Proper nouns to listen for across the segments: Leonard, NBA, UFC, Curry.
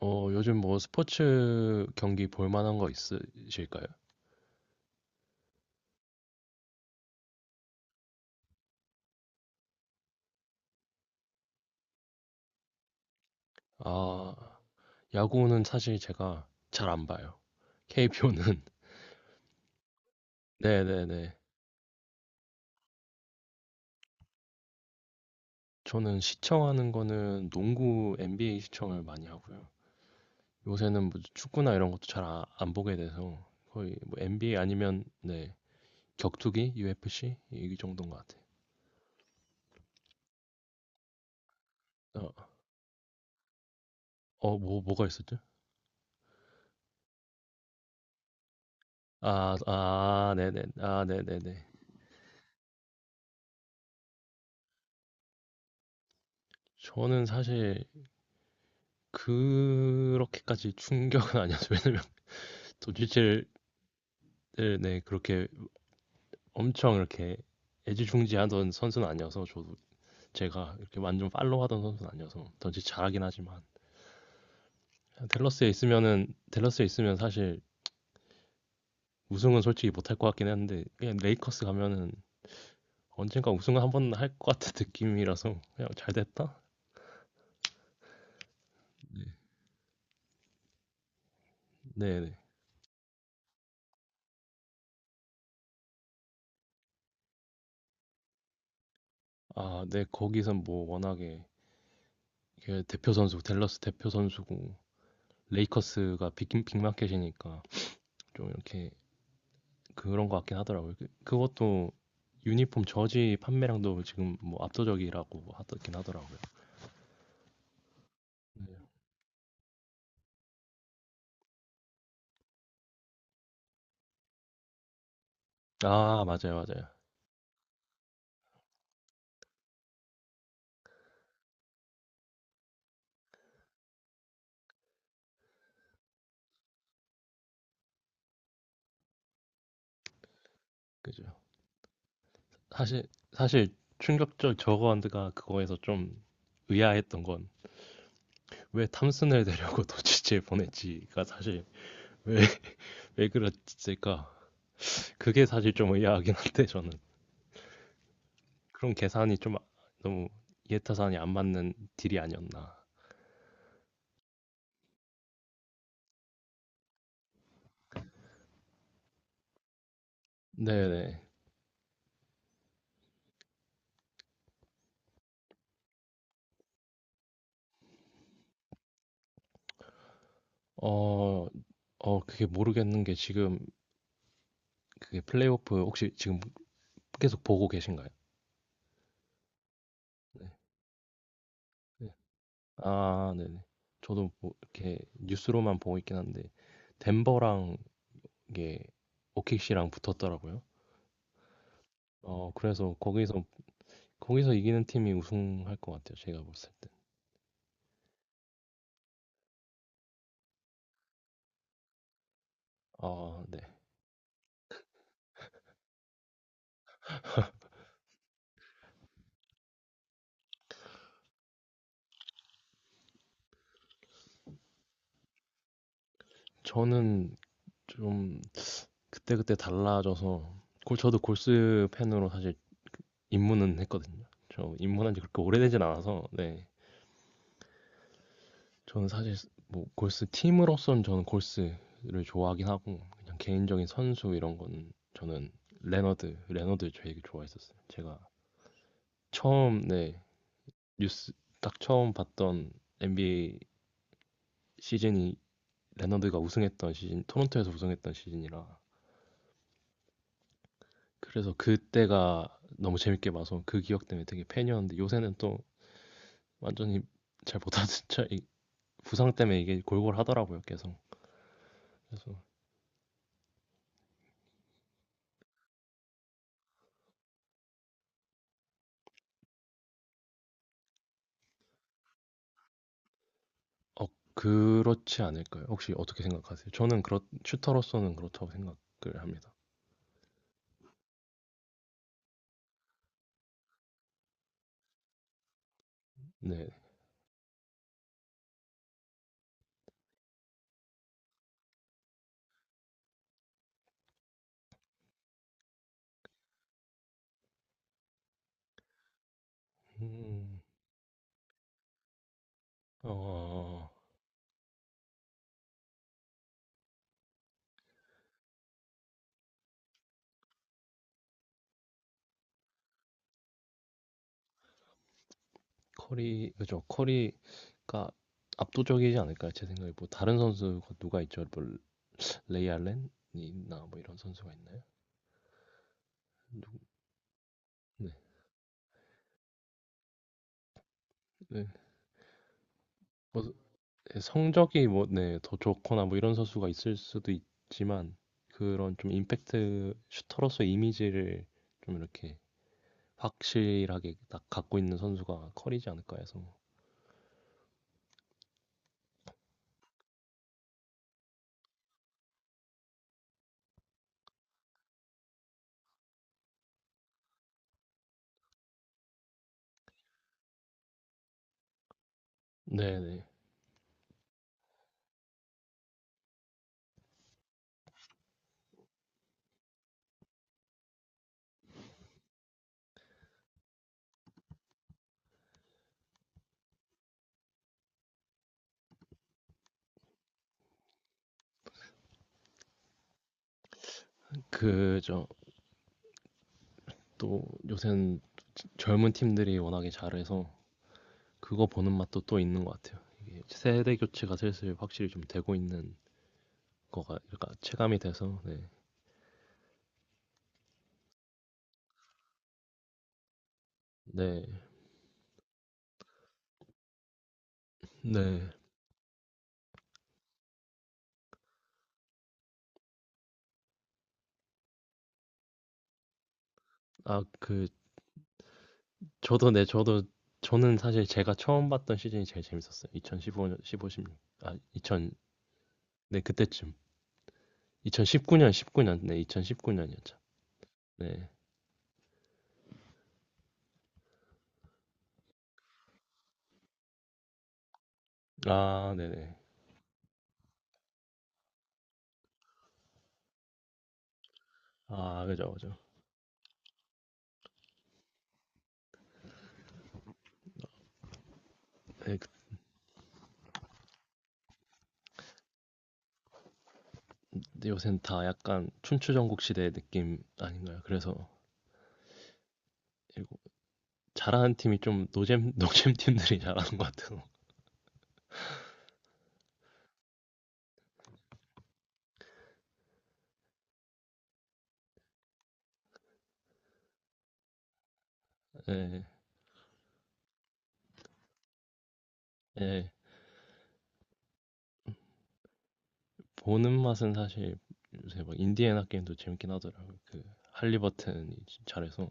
요즘 뭐 스포츠 경기 볼 만한 거 있으실까요? 아, 야구는 사실 제가 잘 안 봐요. KPO 는 네네네. 저는 시청하는 거는 농구 NBA 시청을 많이 하고요. 요새는 뭐 축구나 이런 것도 잘 안 보게 돼서 거의 뭐 NBA 아니면 네, 격투기, UFC 이 정도인 것 같아요. 어, 뭐가 있었죠? 아, 아, 네네. 아, 네네네. 저는 사실 그렇게까지 충격은 아니었어요. 왜냐면 도지체를 네, 네, 그렇게 엄청 이렇게 애지중지하던 선수는 아니어서 저도 제가 이렇게 완전 팔로우하던 선수는 아니어서 던지 잘하긴 하지만 댈러스에 있으면 사실 우승은 솔직히 못할 것 같긴 했는데 그냥 레이커스 가면은 언젠가 우승을 한번 할 것 같은 느낌이라서 그냥 잘 됐다. 네네. 아, 네, 거기선 뭐 워낙에 이게 대표 선수 댈러스 대표 선수고 레이커스가 빅 빅마켓이니까 좀 이렇게 그런 것 같긴 하더라고요. 그것도 유니폼 저지 판매량도 지금 뭐 압도적이라고 하긴 하더라고요. 네. 아, 맞아요, 맞아요. 그죠. 사실, 사실 충격적 저거한드가 그거에서 좀 의아했던 건 왜 탐슨을 데려고 도치치에 보냈지가 사실 왜, 왜 그랬을까? 그게 사실 좀 의아하긴 한데 저는 그런 계산이 좀 너무 이해타산이 안 맞는 딜이 아니었나. 네네. 어, 그게 모르겠는 게 지금 그게 플레이오프 혹시 지금 계속 보고 계신가요? 네. 네. 아, 네네. 저도 뭐 이렇게 뉴스로만 보고 있긴 한데 덴버랑 이게 오키시랑 붙었더라고요. 그래서 거기서 이기는 팀이 우승할 것 같아요. 제가 봤을 때. 아, 네. 저는 좀 그때그때 달라져서 골 저도 골스 팬으로 사실 입문은 했거든요. 저 입문한 지 그렇게 오래되진 않아서 네. 저는 사실 뭐 골스 팀으로서는 저는 골스를 좋아하긴 하고 그냥 개인적인 선수 이런 건 저는 레너드 되게 좋아했었어요. 제가 처음 네 뉴스 딱 처음 봤던 NBA 시즌이 레너드가 우승했던 시즌 토론토에서 우승했던 시즌이라 그래서 그때가 너무 재밌게 봐서 그 기억 때문에 되게 팬이었는데 요새는 또 완전히 잘 못하는 차 부상 때문에 이게 골골하더라고요 계속 그래서 어 그렇지 않을까요? 혹시 어떻게 생각하세요? 저는 그렇 슈터로서는 그렇다고 생각을 합니다. 네. 음. 어 커리 그죠. 커리가 압도적이지 않을까요? 제 생각에 뭐 다른 선수가 누가 있죠? 뭐 레이 알렌이나 뭐 이런 선수가 있나요? 누구 네. 네. 뭐 네, 성적이 뭐 네, 더 좋거나 뭐 이런 선수가 있을 수도 있지만 그런 좀 임팩트 슈터로서 이미지를 좀 이렇게 확실하게 딱 갖고 있는 선수가 커리지 않을까 해서. 네네. 그저 또 요새는 젊은 팀들이 워낙에 잘해서 그거 보는 맛도 또 있는 것 같아요. 이게 세대 교체가 슬슬 확실히 좀 되고 있는 거가 그러니까 체감이 돼서 네. 네. 네. 아, 그 저도 네, 저도 저는 사실 제가 처음 봤던 시즌이 제일 재밌었어요. 2015년 15, 십육 아, 2000 네, 그때쯤. 2019년 19년. 네, 2019년이었죠. 네. 아, 네네. 아, 그죠, 그죠. 네, 요새는 다 약간 춘추전국 시대 느낌 아닌가요? 그래서 이거 잘하는 팀이 좀 노잼, 노잼 팀들이 잘하는 것 같아요. 예, 예. 보는 맛은 사실 요새 막 인디애나 게임도 재밌긴 하더라고요. 그 할리버튼이 잘해서.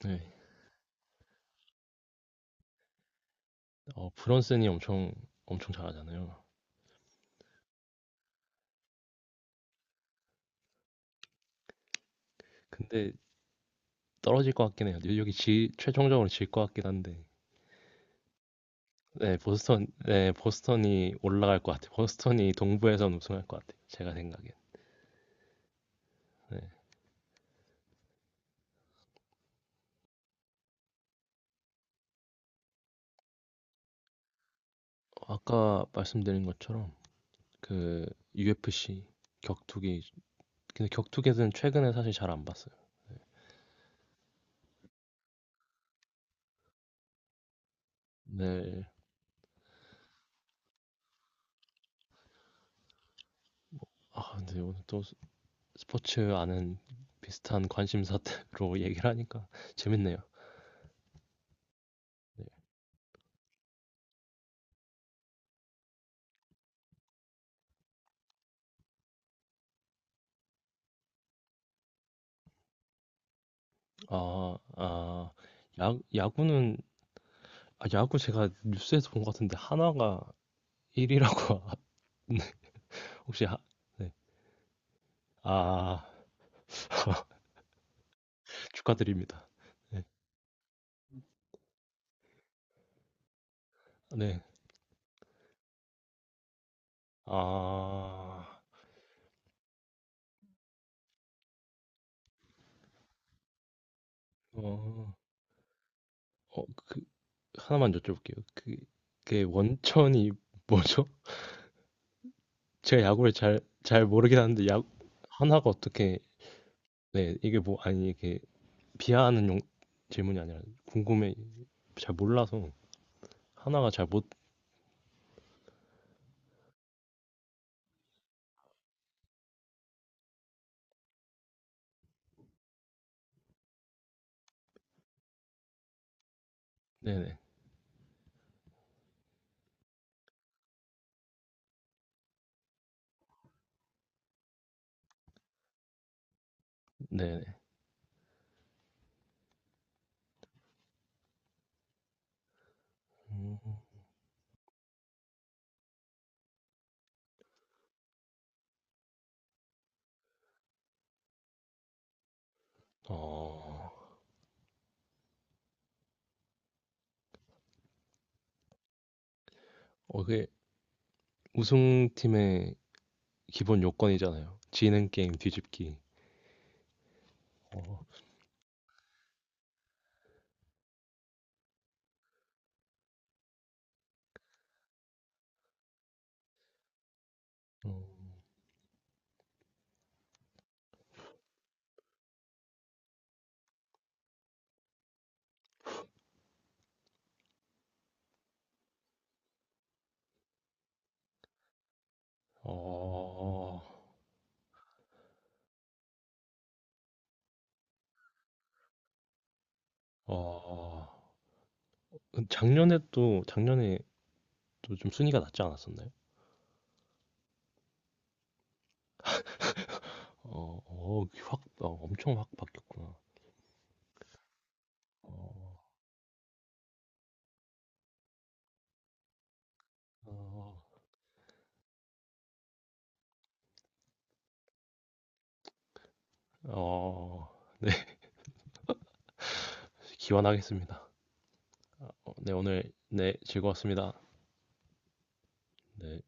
네. 브런슨이 엄청, 엄청 잘하잖아요. 근데 떨어질 것 같긴 해요. 뉴욕이 최종적으로 질 것 같긴 한데. 네, 보스턴, 네, 보스턴이 올라갈 것 같아요. 보스턴이 동부에선 우승할 것 같아요. 제가 생각엔. 네. 아까 말씀드린 것처럼 그 UFC 격투기 근데 격투기는 최근에 사실 잘 안 봤어요. 네. 아, 근데 오늘 또 스포츠 아는 비슷한 관심사로 얘기를 하니까 재밌네요. 네. 아, 아, 야구는 아, 야구 제가 뉴스에서 본 것 같은데 한화가 1위라고 혹시 하, 네. 아, 축하드립니다. 네. 네. 아, 어, 그, 하나만 여쭤볼게요. 그게 원천이 뭐죠? 제가 야구를 잘 모르긴 하는데, 하나가 어떻게, 네, 이게 뭐, 아니, 이게 비하하는 질문이 아니라, 궁금해, 잘 몰라서, 하나가 잘 못, 네네, 네네. 어, 그게 우승팀의 기본 요건이잖아요. 지는 게임 뒤집기. 어, 어, 어. 어. 작년에 또 좀 순위가 낮지 않았었나요? 어, 어, 엄청 확 바뀌었구나. 어, 어, 어, 네, 기원하겠습니다. 어, 네, 오늘, 네, 즐거웠습니다. 네.